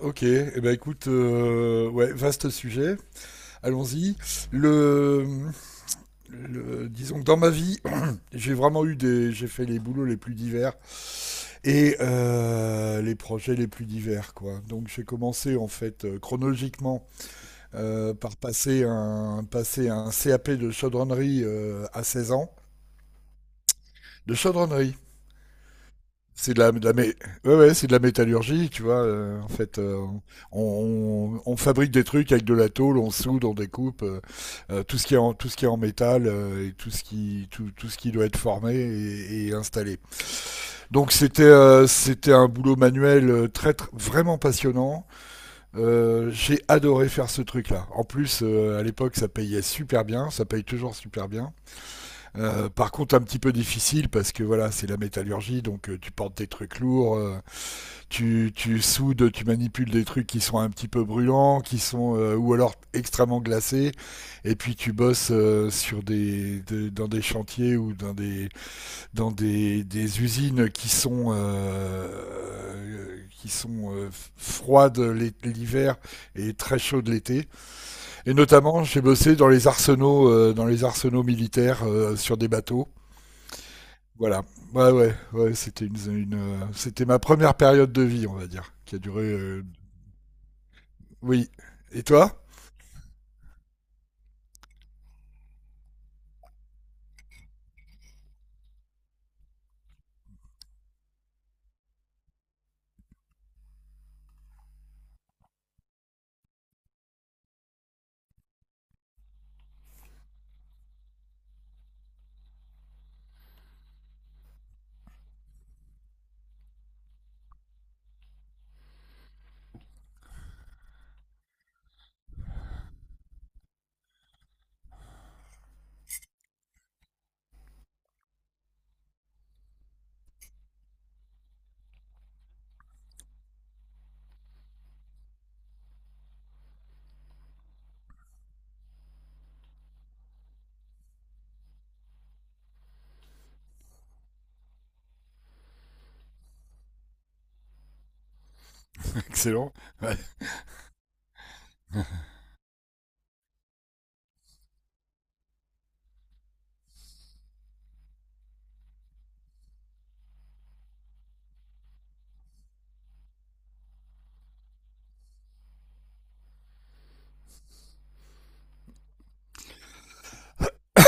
Ok, eh ben écoute, ouais, vaste sujet. Allons-y. Le, Disons que dans ma vie, j'ai vraiment eu des, j'ai fait les boulots les plus divers et les projets les plus divers, quoi. Donc j'ai commencé en fait, chronologiquement, par passer un CAP de chaudronnerie, à 16 ans, de chaudronnerie. C'est de la mé- Ouais, ouais, c'est de la métallurgie, tu vois. En fait, on fabrique des trucs avec de la tôle, on soude, on découpe, tout ce qui est en métal, tout ce qui doit être formé et installé. Donc c'était un boulot manuel, vraiment passionnant. J'ai adoré faire ce truc-là. En plus, à l'époque, ça payait super bien, ça paye toujours super bien. Par contre, un petit peu difficile parce que voilà, c'est la métallurgie, donc, tu portes des trucs lourds. Tu soudes, tu manipules des trucs qui sont un petit peu brûlants, qui sont, ou alors extrêmement glacés, et puis tu bosses, dans des chantiers ou des usines qui sont, froides l'hiver et très chaudes l'été. Et notamment, j'ai bossé dans les arsenaux militaires, sur des bateaux. Voilà. Ouais, ouais, ouais, c'était ma première période de vie, on va dire, qui a duré. Oui. Et toi? Excellent. Ouais.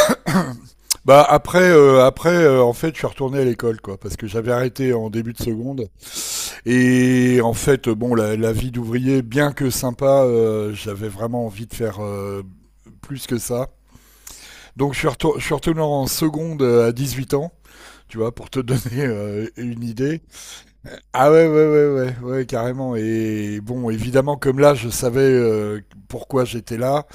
Bah après, après en fait, je suis retourné à l'école, quoi, parce que j'avais arrêté en début de seconde. Et en fait, bon, la vie d'ouvrier, bien que sympa, j'avais vraiment envie de faire, plus que ça. Donc je suis retourné en seconde, à 18 ans, tu vois, pour te donner, une idée. Ah ouais, ouais, ouais, ouais, ouais, carrément. Et bon, évidemment, comme là, je savais, pourquoi j'étais là.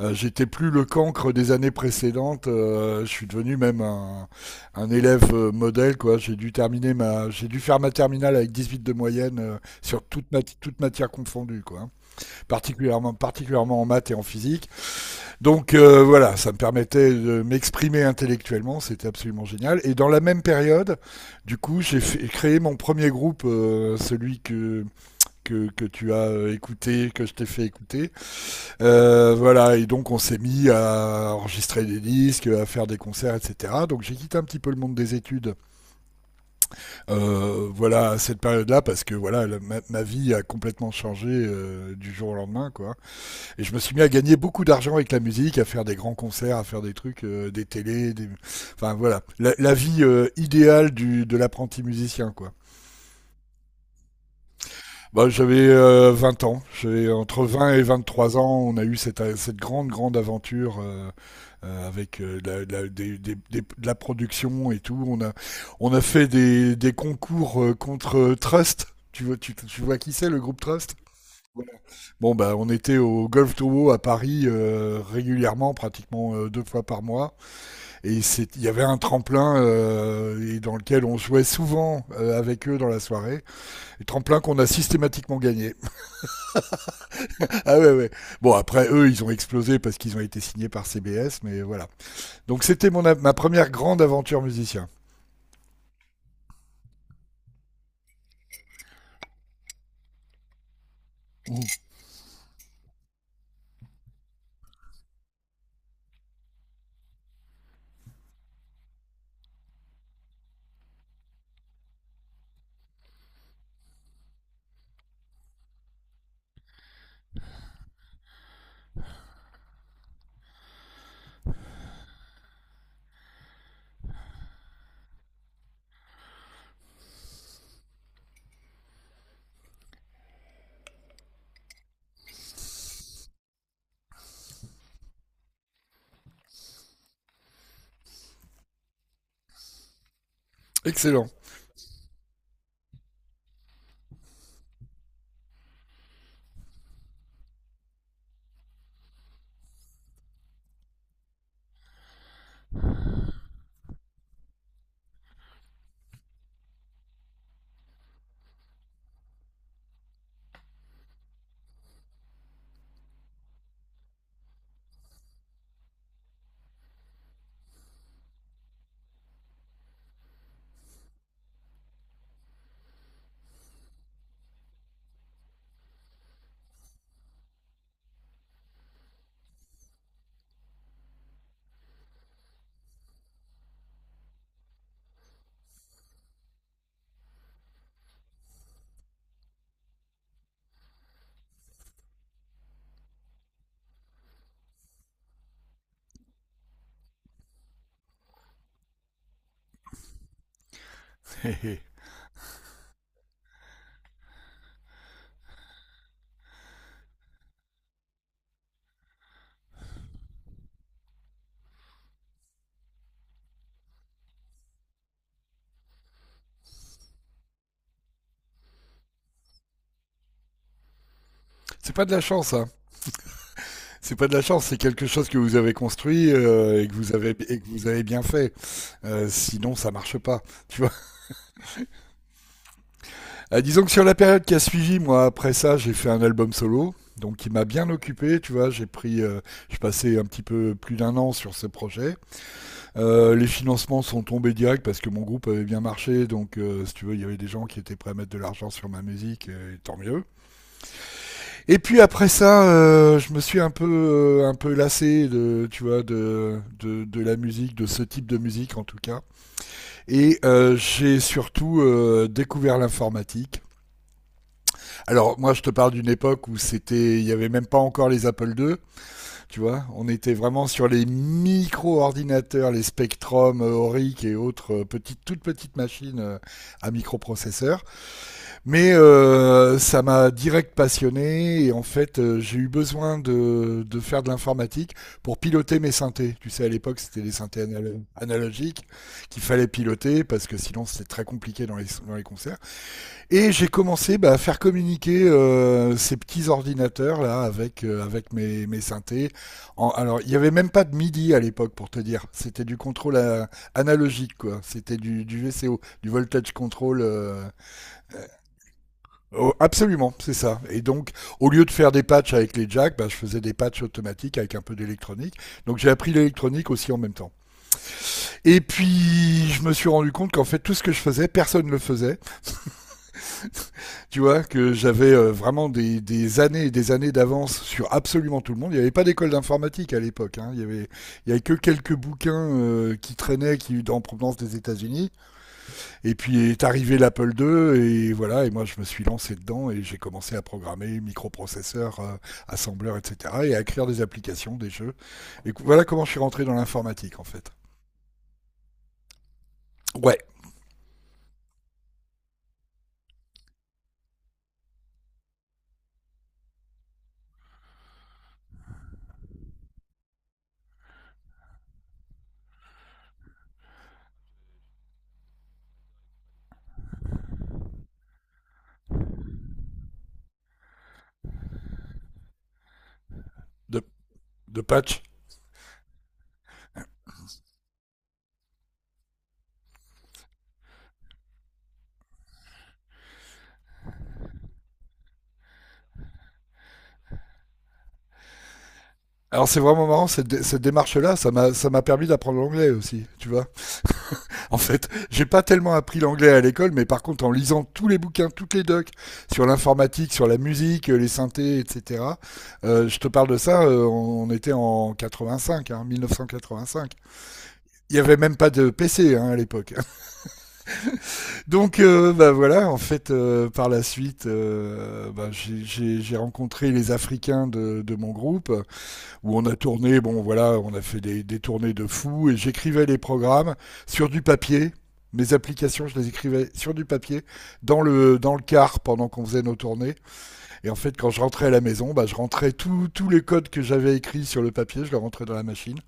J'étais plus le cancre des années précédentes. Je suis devenu même un élève, modèle, quoi. J'ai dû faire ma terminale avec 18 de moyenne, sur toute matière confondue, quoi, hein. Particulièrement en maths et en physique. Donc, voilà, ça me permettait de m'exprimer intellectuellement. C'était absolument génial. Et dans la même période, du coup, j'ai créé mon premier groupe, celui que tu as, écouté, que je t'ai fait écouter. Voilà, et donc on s'est mis à enregistrer des disques, à faire des concerts, etc. Donc j'ai quitté un petit peu le monde des études, voilà, à cette période-là, parce que voilà, ma vie a complètement changé, du jour au lendemain, quoi. Et je me suis mis à gagner beaucoup d'argent avec la musique, à faire des grands concerts, à faire des trucs, des télés, enfin voilà, la vie, idéale de l'apprenti musicien, quoi. Bah, j'avais, 20 ans. J'ai entre 20 et 23 ans, on a eu cette grande grande aventure, avec, de la- des- de la production et tout. On a fait des concours, contre, Trust. Tu vois qui c'est le groupe Trust? Voilà. Bon bah on était au Golf Towo à Paris, régulièrement, pratiquement, deux fois par mois. Et il y avait un tremplin, et dans lequel on jouait souvent, avec eux dans la soirée. Et tremplin qu'on a systématiquement gagné. Ah ouais, ouais. Bon, après, eux, ils ont explosé parce qu'ils ont été signés par CBS, mais voilà. Donc, c'était ma première grande aventure musicien. Mmh. Excellent. C'est pas de la chance, hein. C'est pas de la chance, c'est quelque chose que vous avez construit, et que vous avez bien fait. Sinon, ça marche pas. Tu vois. Ah, disons que sur la période qui a suivi, moi, après ça, j'ai fait un album solo. Donc, qui m'a bien occupé, tu vois. J'ai passé un petit peu plus d'un an sur ce projet. Les financements sont tombés direct parce que mon groupe avait bien marché, donc, si tu veux, il y avait des gens qui étaient prêts à mettre de l'argent sur ma musique, et tant mieux. Et puis après ça, je me suis un peu lassé de, tu vois, de la musique, de ce type de musique en tout cas. Et, j'ai surtout, découvert l'informatique. Alors moi, je te parle d'une époque où il n'y avait même pas encore les Apple II. Tu vois, on était vraiment sur les micro-ordinateurs, les Spectrum, Auric et autres, petites, toutes petites machines, à microprocesseurs. Mais, ça m'a direct passionné et en fait, j'ai eu besoin de faire de l'informatique pour piloter mes synthés. Tu sais, à l'époque, c'était les synthés analogiques qu'il fallait piloter parce que sinon, c'était très compliqué dans les concerts. Et j'ai commencé, bah, à faire communiquer, ces petits ordinateurs là avec mes synthés. Alors il n'y avait même pas de MIDI à l'époque pour te dire. C'était du contrôle, analogique quoi. C'était du VCO, du voltage control. Euh, oh, absolument, c'est ça. Et donc au lieu de faire des patchs avec les jacks, bah, je faisais des patchs automatiques avec un peu d'électronique. Donc j'ai appris l'électronique aussi en même temps. Et puis je me suis rendu compte qu'en fait tout ce que je faisais, personne ne le faisait. Tu vois, que j'avais, vraiment des années et des années d'avance sur absolument tout le monde. Il n'y avait pas d'école d'informatique à l'époque, hein. Il y avait que quelques bouquins, qui traînaient, qui en provenance des États-Unis. Et puis est arrivé l'Apple II et voilà. Et moi, je me suis lancé dedans et j'ai commencé à programmer microprocesseurs, assembleurs, etc. Et à écrire des applications, des jeux. Voilà comment je suis rentré dans l'informatique en fait. Ouais, de, de patch. Alors c'est vraiment marrant cette démarche-là. Ça m'a permis d'apprendre l'anglais aussi, tu vois. En fait, j'ai pas tellement appris l'anglais à l'école, mais par contre, en lisant tous les bouquins, toutes les docs sur l'informatique, sur la musique, les synthés, etc. Je te parle de ça, on était en 85, hein, 1985. Il y avait même pas de PC, hein, à l'époque. Donc, bah voilà, en fait, par la suite, bah, j'ai rencontré les Africains de mon groupe où on a tourné, bon voilà, on a fait des tournées de fous, et j'écrivais les programmes sur du papier. Mes applications, je les écrivais sur du papier, dans le car pendant qu'on faisait nos tournées. Et en fait, quand je rentrais à la maison, bah, je rentrais tous les codes que j'avais écrits sur le papier, je les rentrais dans la machine.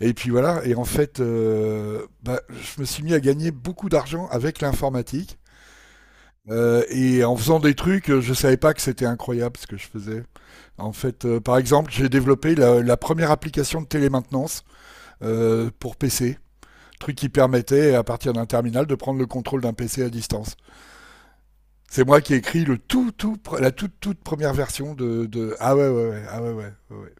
Et puis voilà, et en fait, bah, je me suis mis à gagner beaucoup d'argent avec l'informatique. Et en faisant des trucs, je savais pas que c'était incroyable ce que je faisais. En fait, par exemple, j'ai développé la première application de télémaintenance, pour PC, truc qui permettait à partir d'un terminal de prendre le contrôle d'un PC à distance. C'est moi qui ai écrit la toute, toute première version. Ah ouais, ouais, ouais, ah ouais, ouais, ouais, ouais.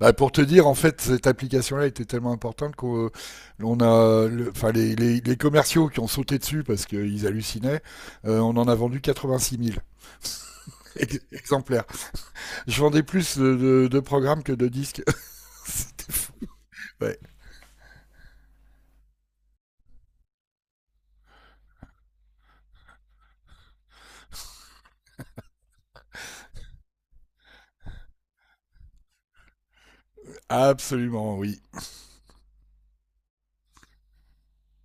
Bah, pour te dire, en fait, cette application-là était tellement importante enfin, les commerciaux qui ont sauté dessus parce qu'ils hallucinaient. On en a vendu 86 000 exemplaires. Je vendais plus de programmes que de disques. C'était fou. Ouais, absolument, oui.